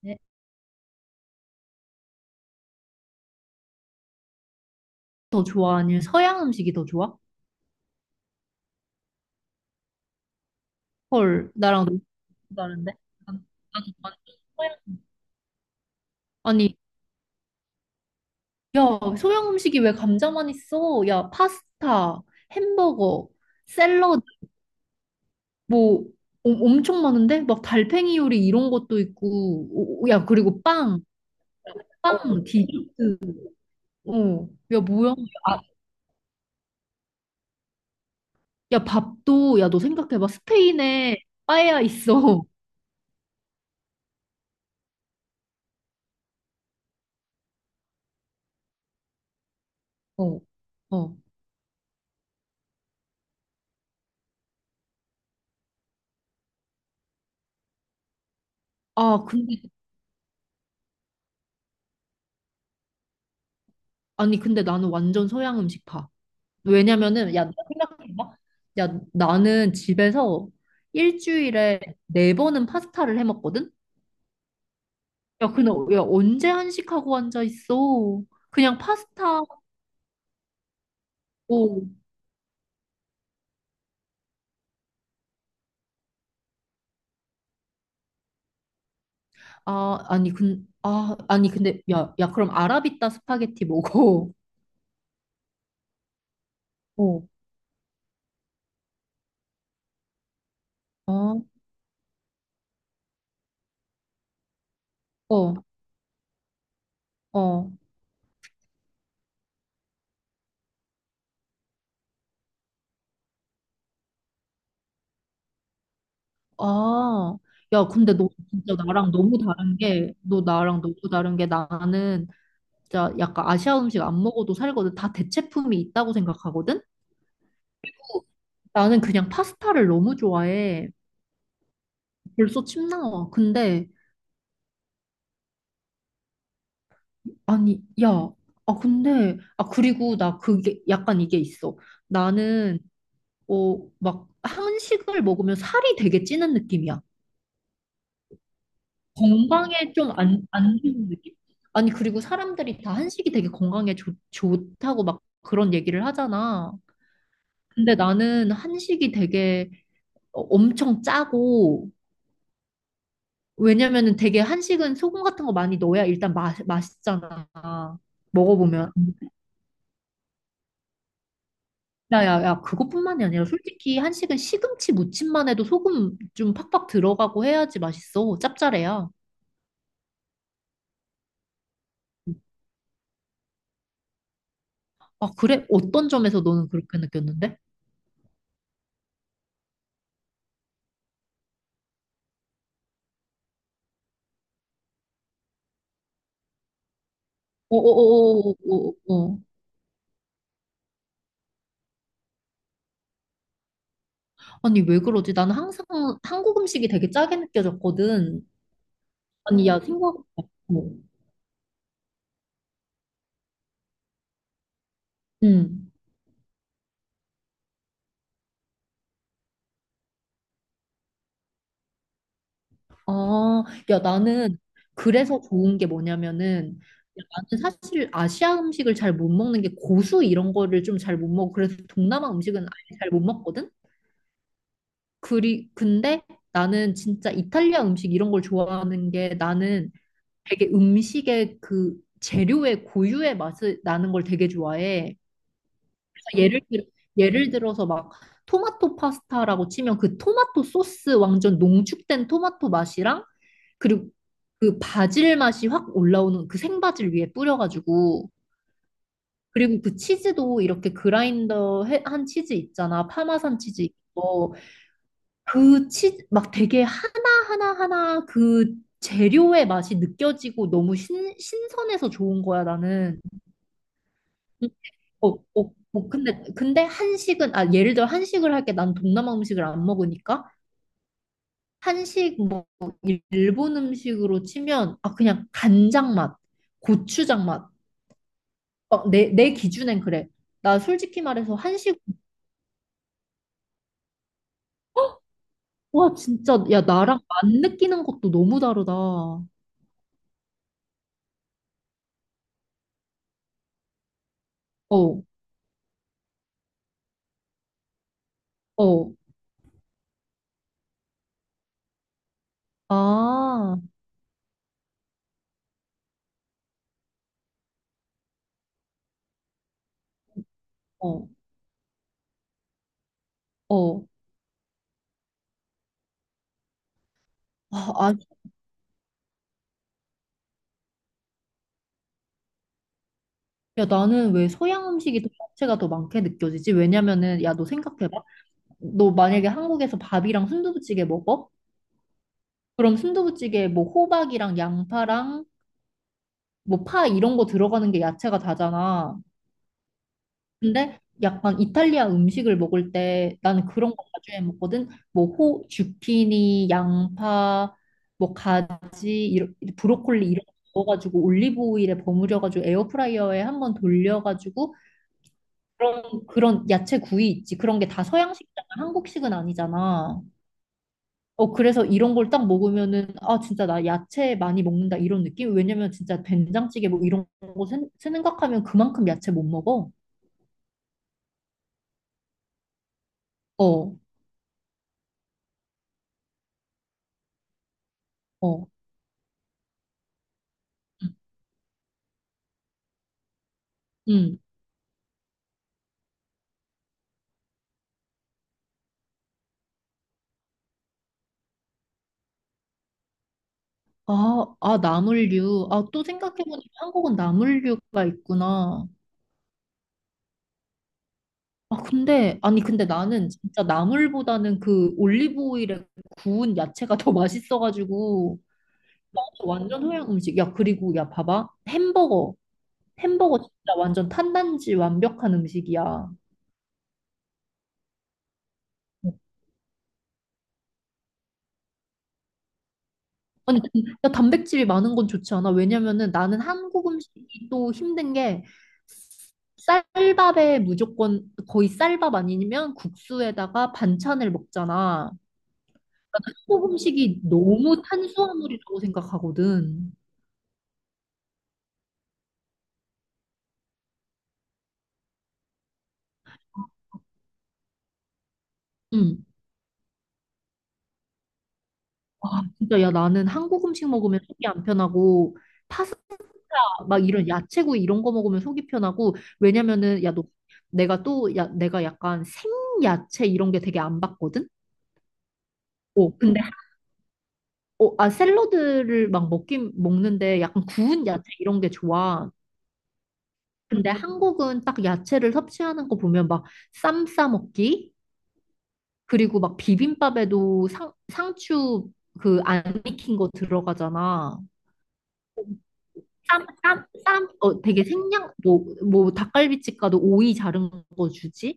네. 더 좋아? 아니면 서양 음식이 더 좋아? 헐, 나랑 너무 다른데? 난- 나는 완전 서양. 아니, 야, 서양 음식이 왜 감자만 있어? 야, 파스타, 햄버거, 샐러드, 뭐, 엄청 많은데? 막 달팽이 요리 이런 것도 있고, 오, 야, 그리고 빵, 빵, 디저트, 어, 야, 뭐야? 아, 야, 밥도, 야, 너 생각해봐. 스페인에 빠에야 있어. 어, 어. 아, 근데, 아니, 근데 나는 완전 서양 음식 파. 왜냐면은 야, 너 생각해봐. 야, 나는 집에서 일주일에 네 번은 파스타를 해 먹거든? 야, 근데 야, 언제 한식하고 앉아 있어? 그냥 파스타 먹고 아, 아니 근 아, 아니 근데 야, 야 그럼 아라비타 스파게티 먹어. 어. 어. 어. 어. 아. 야, 근데 너 진짜 나랑 너무 다른 게 너 나랑 너무 다른 게 나는 진짜 약간 아시아 음식 안 먹어도 살거든. 다 대체품이 있다고 생각하거든. 나는 그냥 파스타를 너무 좋아해. 벌써 침 나와. 근데, 아니, 야, 아, 근데, 아, 그리고 나 그게, 약간 이게 있어. 나는, 어, 막, 한식을 먹으면 살이 되게 찌는 느낌이야. 건강에 좀 안 좋은 느낌? 아니, 그리고 사람들이 다 한식이 되게 건강에 좋다고 막 그런 얘기를 하잖아. 근데 나는 한식이 되게 어, 엄청 짜고, 왜냐면은 되게 한식은 소금 같은 거 많이 넣어야 일단 맛있잖아. 먹어보면. 야, 야, 야, 그것뿐만이 아니라 솔직히 한식은 시금치 무침만 해도 소금 좀 팍팍 들어가고 해야지 맛있어. 짭짤해야. 아, 그래? 어떤 점에서 너는 그렇게 느꼈는데? 어어어어어어. 아니, 왜 그러지? 나는 항상 한국 음식이 되게 짜게 느껴졌거든. 아니, 야, 생각, 어. 응. 아, 야, 나는 그래서 좋은 게 뭐냐면은 야, 나는 사실 아시아 음식을 잘 못 먹는 게 고수 이런 거를 좀 잘 못 먹고 그래서 동남아 음식은 아예 잘 못 먹거든? 그리 근데 나는 진짜 이탈리아 음식 이런 걸 좋아하는 게 나는 되게 음식의 그 재료의 고유의 맛이 나는 걸 되게 좋아해. 그래서 예를 들어서 막 토마토 파스타라고 치면 그 토마토 소스 완전 농축된 토마토 맛이랑 그리고 그 바질 맛이 확 올라오는 그 생바질 위에 뿌려가지고 그리고 그 치즈도 이렇게 한 치즈 있잖아. 파마산 치즈 있고 그 치즈 막 되게 하나하나하나 그 재료의 맛이 느껴지고 너무 신선해서 좋은 거야, 나는. 어, 어, 어, 근데, 근데 한식은, 아, 예를 들어 한식을 할게 난 동남아 음식을 안 먹으니까 한식, 뭐, 일본 음식으로 치면, 아, 그냥 간장 맛, 고추장 맛, 어, 내 기준엔 그래. 나 솔직히 말해서 한식, 와, 진짜, 야, 나랑 맛 느끼는 것도 너무 다르다. 어, 어, 아, 어, 어. 아, 아, 야, 나는 왜 서양 음식이 더 자체가 더 많게 느껴지지? 왜냐면은, 야, 너 생각해봐. 너 만약에 한국에서 밥이랑 순두부찌개 먹어? 그럼 순두부찌개에 뭐 호박이랑 양파랑 뭐 파 이런 거 들어가는 게 야채가 다잖아. 근데 약간 이탈리아 음식을 먹을 때 나는 그런 거 나중해 먹거든. 뭐 호, 주피니 양파, 뭐 가지, 이런, 브로콜리 이런 거 넣어가지고 올리브 오일에 버무려가지고 에어프라이어에 한번 돌려가지고 그런 그런 야채 구이 있지. 그런 게 다 서양식이잖아. 한국식은 아니잖아. 어 그래서 이런 걸 딱 먹으면은 아 진짜 나 야채 많이 먹는다 이런 느낌? 왜냐면 진짜 된장찌개 뭐 이런 거 생각하면 그만큼 야채 못 먹어. 어, 어, 응. 아, 아, 나물류. 아, 또 생각해보니까 한국은 나물류가 있구나. 아, 근데, 아니, 근데 나는 진짜 나물보다는 그 올리브 오일에 구운 야채가 더 맛있어가지고, 나 완전 서양 음식. 야, 그리고, 야, 봐봐. 햄버거. 햄버거 진짜 완전 탄단지 완벽한 음식이야. 아니, 야, 단백질이 많은 건 좋지 않아? 왜냐면은 나는 한국 음식이 또 힘든 게 쌀밥에 무조건 거의 쌀밥 아니면 국수에다가 반찬을 먹잖아. 나는 한국 음식이 너무 탄수화물이라고 생각하거든. 응. 아, 진짜 야 나는 한국 음식 먹으면 속이 안 편하고 파스타 막 이런 야채구이 이런 거 먹으면 속이 편하고 왜냐면은 야 너 내가 또 야 내가 약간 생야채 이런 게 되게 안 받거든. 어, 근데 어, 아, 샐러드를 막 먹긴 먹는데 약간 구운 야채 이런 게 좋아. 근데 한국은 딱 야채를 섭취하는 거 보면 막 쌈 싸 먹기 그리고 막 비빔밥에도 상추 그 안 익힌 거 들어가잖아. 쌈, 쌈, 쌈, 어, 되게 생양, 뭐, 뭐, 닭갈비집 가도 오이 자른 거 주지?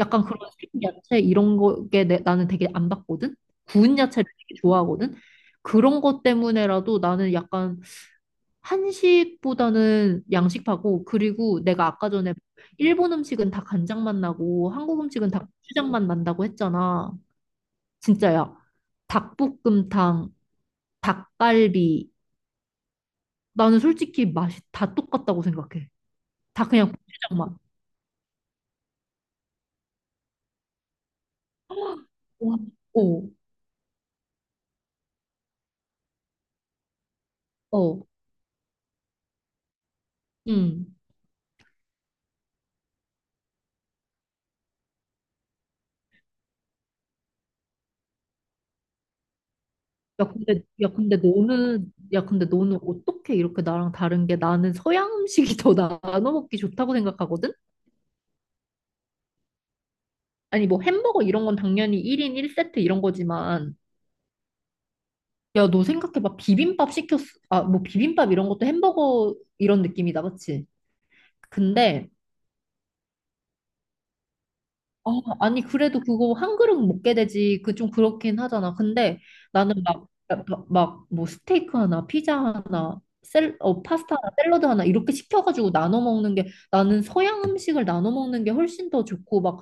약간 그런 생야채 이런 거에 나는 되게 안 받거든? 구운 야채를 되게 좋아하거든? 그런 것 때문에라도 나는 약간 한식보다는 양식파고, 그리고 내가 아까 전에 일본 음식은 다 간장맛 나고, 한국 음식은 다 고추장맛 난다고 했잖아. 진짜야. 닭볶음탕, 닭갈비. 나는 솔직히 맛이 다 똑같다고 생각해. 다 그냥 고추장맛. 와. 어, 어, 응. 야, 근데, 야, 근데 너는, 야, 근데 너는 어떻게 이렇게 나랑 다른 게 나는 서양 음식이 더 나눠 먹기 좋다고 생각하거든? 아니, 뭐 햄버거 이런 건 당연히 1인 1세트 이런 거지만 야, 너 생각해봐. 비빔밥 시켰어. 아, 뭐 비빔밥 이런 것도 햄버거 이런 느낌이다, 그치? 근데, 아, 아니, 그래도 그거 한 그릇 먹게 되지. 그 좀 그렇긴 하잖아. 근데 나는 막, 막, 뭐 스테이크 하나, 피자 하나, 파스타 하나, 샐러드 하나 이렇게 시켜가지고 나눠 먹는 게 나는 서양 음식을 나눠 먹는 게 훨씬 더 좋고 막,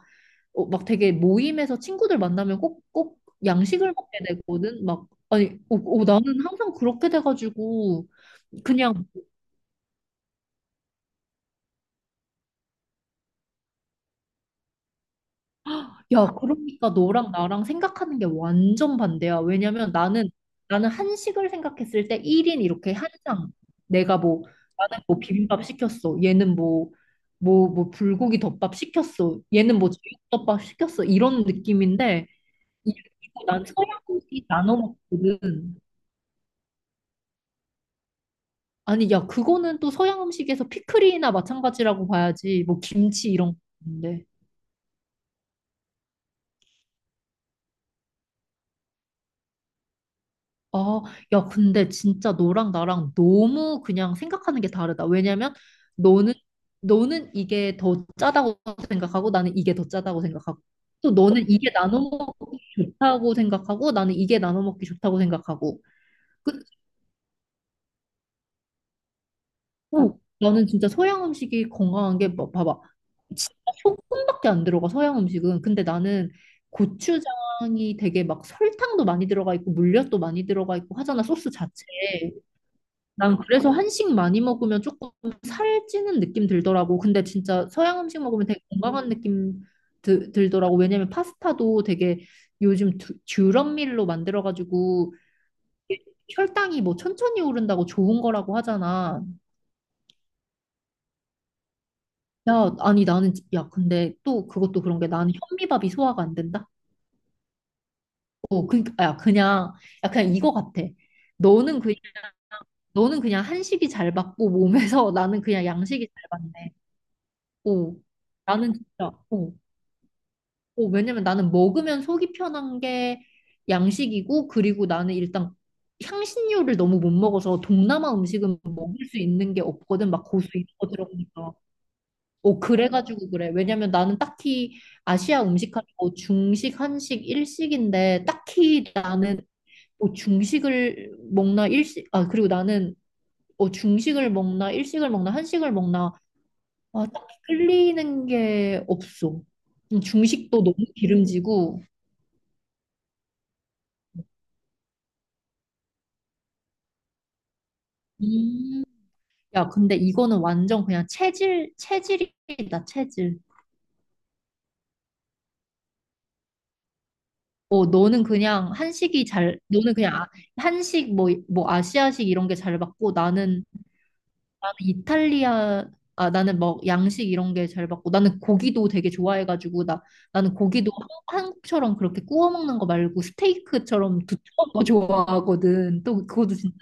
어, 막 되게 모임에서 친구들 만나면 꼭, 꼭 양식을 먹게 되거든. 막, 아니, 어, 어, 나는 항상 그렇게 돼가지고 그냥 야, 그러니까 너랑 나랑 생각하는 게 완전 반대야. 왜냐면 나는, 나는 한식을 생각했을 때 1인 이렇게 한 상. 내가 뭐, 나는 뭐 비빔밥 시켰어. 얘는 뭐, 뭐, 뭐 불고기 덮밥 시켰어. 얘는 뭐 제육덮밥 시켰어. 이런 느낌인데, 이거 난 서양 음식 나눠 먹거든. 아니, 야, 그거는 또 서양 음식에서 피클이나 마찬가지라고 봐야지. 뭐 김치 이런 건데. 아, 야, 근데 진짜 너랑 나랑 너무 그냥 생각하는 게 다르다. 왜냐면 너는, 너는 이게 더 짜다고 생각하고 나는 이게 더 짜다고 생각하고 또 너는 이게 나눠 먹기 좋다고 생각하고 나는 이게 나눠 먹기 좋다고 생각하고. 그, 어, 나는 진짜 서양 음식이 건강한 게 뭐, 봐봐. 진짜 소금밖에 안 들어가, 서양 음식은. 근데 나는 고추장이 되게 막 설탕도 많이 들어가 있고 물엿도 많이 들어가 있고 하잖아, 소스 자체에. 난 그래서 한식 많이 먹으면 조금 살찌는 느낌 들더라고. 근데 진짜 서양 음식 먹으면 되게 건강한 느낌 들더라고. 왜냐면 파스타도 되게 요즘 듀럼밀로 만들어가지고 이게 혈당이 뭐 천천히 오른다고 좋은 거라고 하잖아. 야, 아니 나는 야 근데 또 그것도 그런 게 나는 현미밥이 소화가 안 된다. 어, 그니까 야 그냥 야 그냥 이거 같아. 너는 그냥 너는 그냥 한식이 잘 받고 몸에서 나는 그냥 양식이 잘 받네. 오, 나는 진짜, 오, 오, 왜냐면 나는 먹으면 속이 편한 게 양식이고, 그리고 나는 일단 향신료를 너무 못 먹어서 동남아 음식은 먹을 수 있는 게 없거든. 막 고수 이런 거 들어보니까. 오, 그래가지고 그래. 왜냐면 나는 딱히 아시아 음식 하면 뭐 중식, 한식, 일식인데, 딱히 나는 뭐 중식을 먹나, 일식, 아, 그리고 나는 어, 중식을 먹나, 일식을 먹나, 한식을 먹나, 아, 딱히 끌리는 게 없어. 중식도 너무 기름지고. 음. 야, 근데 이거는 완전 그냥 체질, 체질이다, 체질. 어, 너는 그냥 한식이 잘, 너는 그냥 한식, 뭐, 뭐, 아시아식 이런 게 잘 맞고, 나는, 나는 이탈리아, 아, 나는 뭐, 양식 이런 게 잘 맞고, 나는 고기도 되게 좋아해가지고, 나, 나는 고기도 한국처럼 그렇게 구워 먹는 거 말고, 스테이크처럼 두툼한 거 좋아하거든. 또, 그것도 진짜,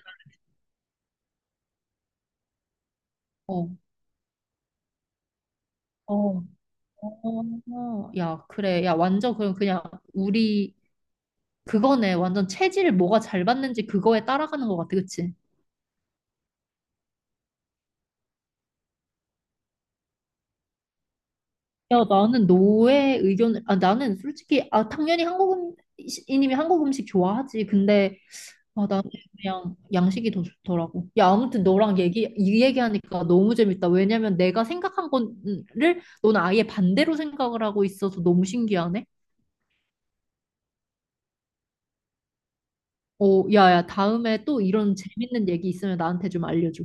어, 어, 어, 야, 그래. 야, 완전 그럼 그냥 우리 그거네. 완전 체질 뭐가 잘 받는지 그거에 따라가는 것 같아. 그치? 야, 나는 너의 의견을, 아, 나는 솔직히, 아, 당연히 한국 음식이님이 한국 음식 좋아하지. 근데, 아, 나는 그냥 양식이 더 좋더라고. 야, 아무튼 너랑 얘기, 이 얘기하니까 너무 재밌다. 왜냐면 내가 생각한 거를 너는 아예 반대로 생각을 하고 있어서 너무 신기하네. 어, 야, 야, 다음에 또 이런 재밌는 얘기 있으면 나한테 좀 알려줘.